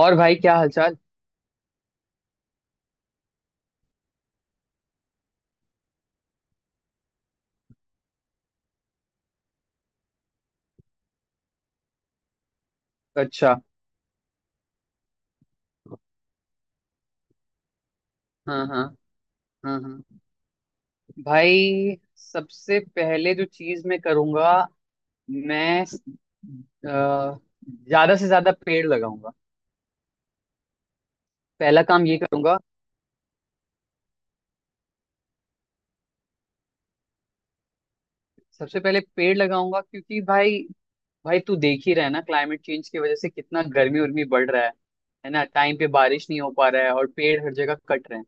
और भाई, क्या हालचाल? अच्छा। हाँ हाँ। हाँ हाँ। भाई, सबसे पहले जो चीज मैं करूंगा, मैं ज्यादा से ज्यादा पेड़ लगाऊंगा। पहला काम ये करूंगा। सबसे पहले पेड़ लगाऊंगा, क्योंकि भाई, भाई तू देख ही रहा है ना, क्लाइमेट चेंज की वजह से कितना गर्मी उर्मी बढ़ रहा है। है ना, टाइम पे बारिश नहीं हो पा रहा है और पेड़ हर जगह कट रहे हैं।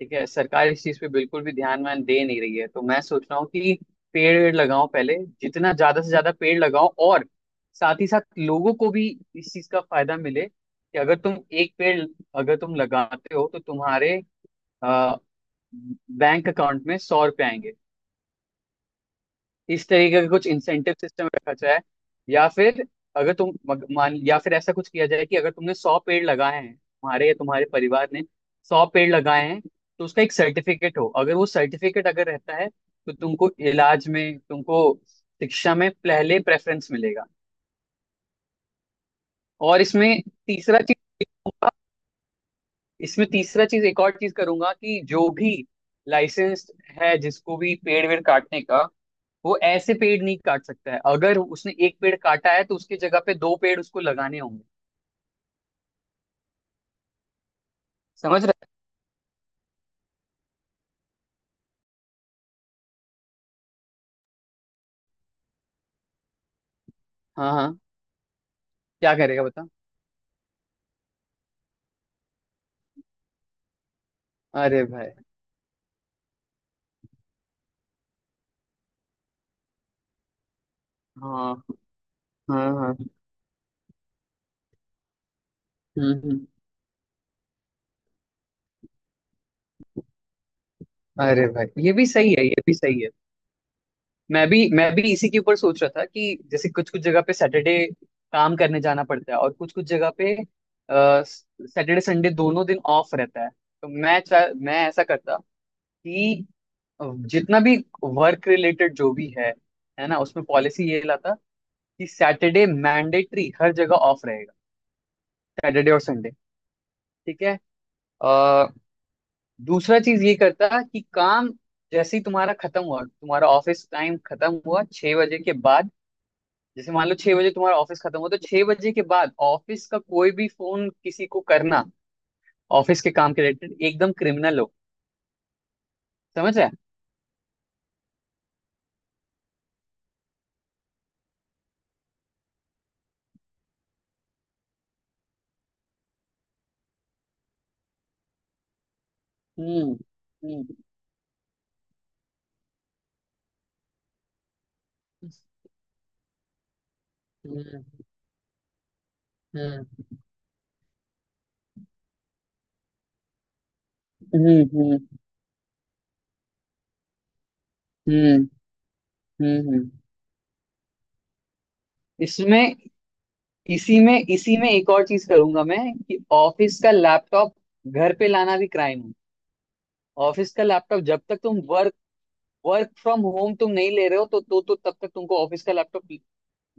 ठीक है, सरकार इस चीज पे बिल्कुल भी ध्यान वान दे नहीं रही है, तो मैं सोच रहा हूँ कि पेड़ वेड़ लगाओ पहले। जितना ज्यादा से ज्यादा पेड़ लगाओ, और साथ ही साथ लोगों को भी इस चीज का फायदा मिले कि अगर तुम एक पेड़, अगर तुम लगाते हो, तो तुम्हारे अ, बैंक अकाउंट में 100 रुपए आएंगे। इस तरीके का कुछ इंसेंटिव सिस्टम रखा जाए। या फिर अगर मान, या फिर ऐसा कुछ किया जाए कि अगर तुमने 100 पेड़ लगाए हैं, तुम्हारे या तुम्हारे परिवार ने 100 पेड़ लगाए हैं, तो उसका एक सर्टिफिकेट हो। अगर वो सर्टिफिकेट अगर रहता है, तो तुमको इलाज में, तुमको शिक्षा में पहले प्रेफरेंस मिलेगा। और इसमें तीसरा चीज, एक और चीज करूंगा कि जो भी लाइसेंस है, जिसको भी पेड़ वेड़ काटने का, वो ऐसे पेड़ नहीं काट सकता है। अगर उसने एक पेड़ काटा है तो उसकी जगह पे दो पेड़ उसको लगाने होंगे। समझ रहे हैं? हाँ हाँ। क्या करेगा, बता? अरे भाई। हाँ हाँ हाँ। हम्म। अरे भाई, ये भी सही है, ये भी सही है। मैं भी इसी के ऊपर सोच रहा था कि जैसे कुछ कुछ जगह पे सैटरडे काम करने जाना पड़ता है, और कुछ कुछ जगह पे सैटरडे संडे दोनों दिन ऑफ रहता है। तो मैं ऐसा करता कि जितना भी वर्क रिलेटेड जो भी है ना, उसमें पॉलिसी ये लाता कि सैटरडे मैंडेटरी हर जगह ऑफ रहेगा, सैटरडे और संडे। ठीक है। आ, दूसरा चीज ये करता कि काम जैसे ही तुम्हारा खत्म हुआ, तुम्हारा ऑफिस टाइम खत्म हुआ, 6 बजे के बाद, जैसे मान लो 6 बजे तुम्हारा ऑफिस खत्म हुआ, तो 6 बजे के बाद ऑफिस का कोई भी फोन किसी को करना, ऑफिस के काम के रिलेटेड, एकदम क्रिमिनल हो। समझ रहे? हम्म। हम्म। हम्म। हम्म। हम्म। हम्म। हम्म। हम्म, हम्म। इसमें, इसी में एक और चीज करूंगा मैं, कि ऑफिस का लैपटॉप घर पे लाना भी क्राइम है। ऑफिस का लैपटॉप, जब तक तुम वर्क वर्क फ्रॉम होम तुम नहीं ले रहे हो, तो तब तक तुमको ऑफिस का लैपटॉप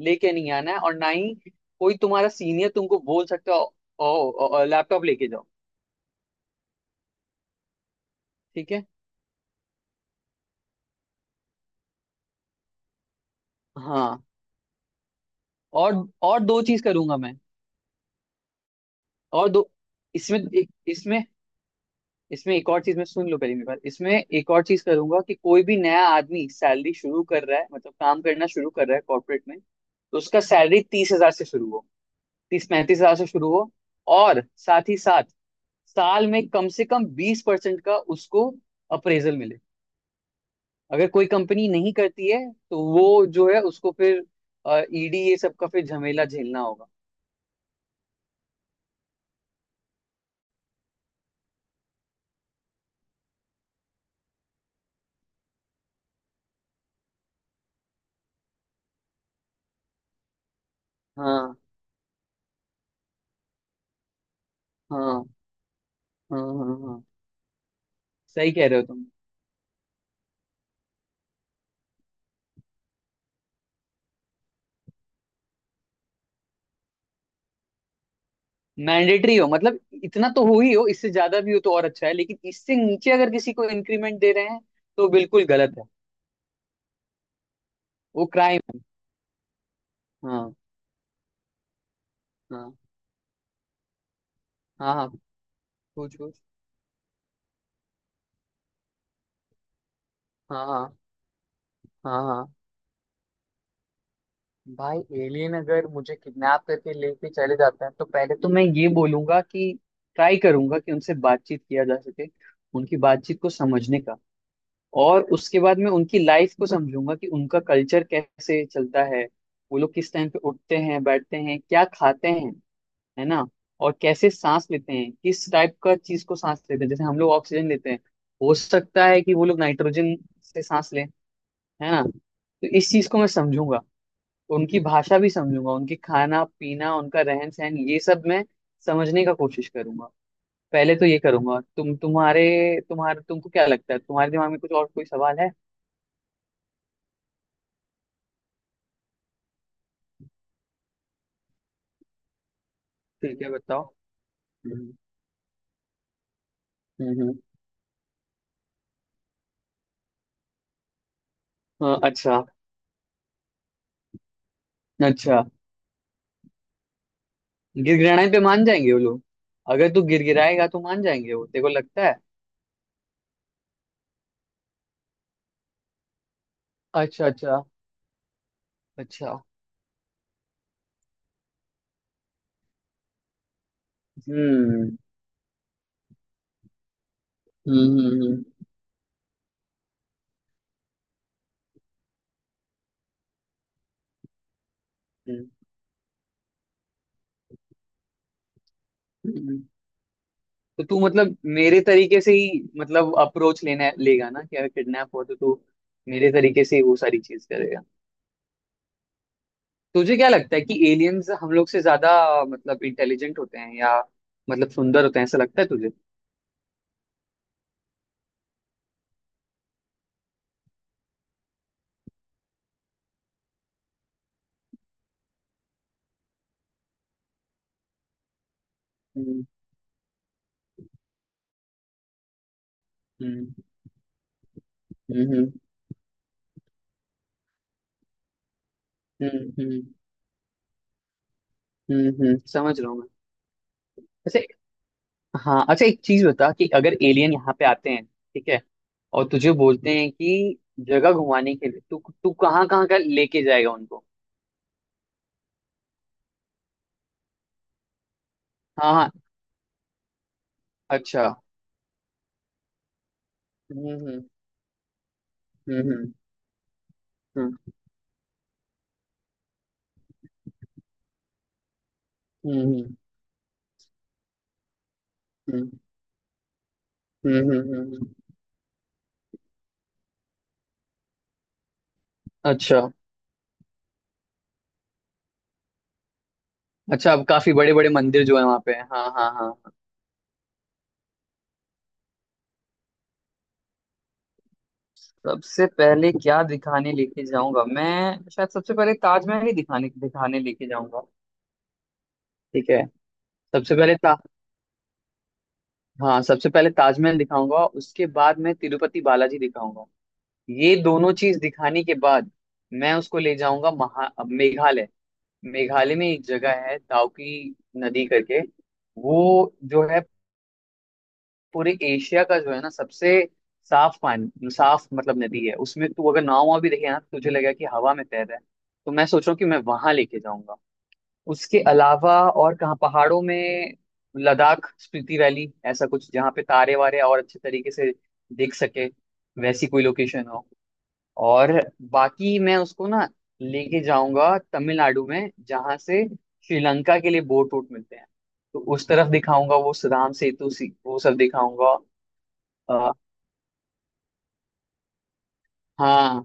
लेके नहीं आना है, और ना ही कोई तुम्हारा सीनियर तुमको बोल सकता है लैपटॉप लेके जाओ। ठीक है। हाँ। और और दो चीज करूंगा मैं। और दो, इसमें इसमें इसमें एक और चीज, मैं, सुन लो पहले मेरी बात। इसमें एक और चीज करूंगा, कि कोई भी नया आदमी सैलरी शुरू कर रहा है, मतलब काम करना शुरू कर रहा है कॉर्पोरेट में, तो उसका सैलरी 30,000 से शुरू हो, 30-35 हजार से शुरू हो। और साथ ही साथ साल में कम से कम 20% का उसको अप्रेजल मिले। अगर कोई कंपनी नहीं करती है, तो वो जो है, उसको फिर ईडी, ये सब का फिर झमेला झेलना होगा। हाँ हाँ हाँ हाँ हाँ हाँ। सही कह रहे हो तुम। मैंडेटरी हो, मतलब इतना तो हो ही, हो इससे ज्यादा भी हो तो और अच्छा है, लेकिन इससे नीचे अगर किसी को इंक्रीमेंट दे रहे हैं, तो बिल्कुल गलत है। वो क्राइम है। हाँ हाँ हाँ हाँ। पूछ पूछ। हाँ हाँ हाँ हाँ। भाई, एलियन अगर मुझे किडनैप करके लेके चले जाते हैं, तो पहले तो मैं ये बोलूंगा कि ट्राई करूंगा कि उनसे बातचीत किया जा सके, उनकी बातचीत को समझने का। और उसके बाद मैं उनकी लाइफ को समझूंगा, कि उनका कल्चर कैसे चलता है, वो लोग किस टाइम पे उठते हैं, बैठते हैं, क्या खाते हैं, है ना, और कैसे सांस लेते हैं, किस टाइप का चीज को सांस लेते हैं। जैसे हम लोग ऑक्सीजन लेते हैं, हो सकता है कि वो लोग नाइट्रोजन से सांस लें, है ना। तो इस चीज को मैं समझूंगा, उनकी भाषा भी समझूंगा, उनकी खाना पीना, उनका रहन सहन, ये सब मैं समझने का कोशिश करूंगा। पहले तो ये करूंगा। तुमको क्या लगता है, तुम्हारे दिमाग में कुछ और कोई सवाल है? ठीक है, बताओ। हम्म, हम्म। हम्म। हाँ, अच्छा। अच्छा। गिड़गिड़ाने पे मान जाएंगे वो लोग? अगर तू गिड़गिड़ाएगा तो मान जाएंगे, वो तेरे को लगता है? अच्छा। अच्छा। अच्छा। हम्म। हम्म। हम्म। हम्म, हम्म, हम्म। तो तू मतलब मेरे तरीके से ही, मतलब अप्रोच लेना लेगा ना, कि अगर किडनैप हो तो तू मेरे तरीके से ही वो सारी चीज करेगा? तुझे क्या लगता है कि एलियंस हम लोग से ज्यादा मतलब इंटेलिजेंट होते हैं, या मतलब सुंदर होते हैं, ऐसा लगता है तुझे? हम्म, हम्म, हम्म, हम्म, हम्म, समझ रहा हूँ। मैं, हाँ, अच्छा, एक चीज बता, कि अगर एलियन यहाँ पे आते हैं, ठीक है, और तुझे बोलते हैं कि जगह घुमाने के लिए, तू तू कहाँ कहाँ का लेके जाएगा उनको? हाँ हाँ। अच्छा। हम्म हम्म हम्म हम्म हम्म हम्म हम्म हम्म, हम्म। अच्छा, अच्छा, अब काफी बड़े बड़े मंदिर जो है वहाँ पे, हाँ हाँ हाँ हाँ। सबसे पहले क्या दिखाने लेके जाऊंगा, मैं शायद सबसे पहले ताजमहल ही दिखाने दिखाने लेके जाऊंगा, ठीक है। सबसे पहले। हाँ, सबसे पहले ताजमहल दिखाऊंगा, उसके बाद मैं तिरुपति बालाजी दिखाऊंगा। ये दोनों चीज दिखाने के बाद मैं उसको ले जाऊंगा महा अब मेघालय। मेघालय में एक जगह है, दाउकी नदी करके। वो जो है, पूरे एशिया का, जो है ना, सबसे साफ पानी, साफ मतलब नदी है। उसमें तू अगर नाव वाव भी देखे ना, तो तुझे लगेगा कि हवा में तैर रहा है। तो मैं सोच रहा हूँ कि मैं वहां लेके जाऊंगा। उसके अलावा और कहाँ, पहाड़ों में लद्दाख, स्पीति वैली, ऐसा कुछ जहाँ पे तारे वारे और अच्छे तरीके से दिख सके, वैसी कोई लोकेशन हो। और बाकी मैं उसको ना लेके जाऊंगा तमिलनाडु में, जहाँ से श्रीलंका के लिए बोट रूट मिलते हैं। तो उस तरफ दिखाऊंगा, वो सुदाम सेतु सी, वो सब दिखाऊंगा। अ, हाँ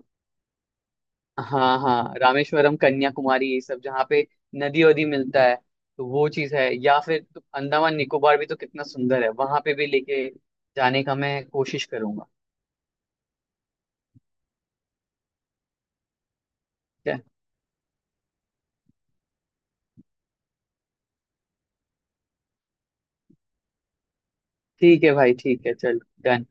हाँ हाँ, रामेश्वरम कन्याकुमारी, ये सब जहाँ पे नदी वदी मिलता है, तो वो चीज है। या फिर तो अंडमान निकोबार भी तो कितना सुंदर है, वहां पे भी लेके जाने का मैं कोशिश करूंगा। ठीक है। ठीक है भाई, ठीक है चल। done।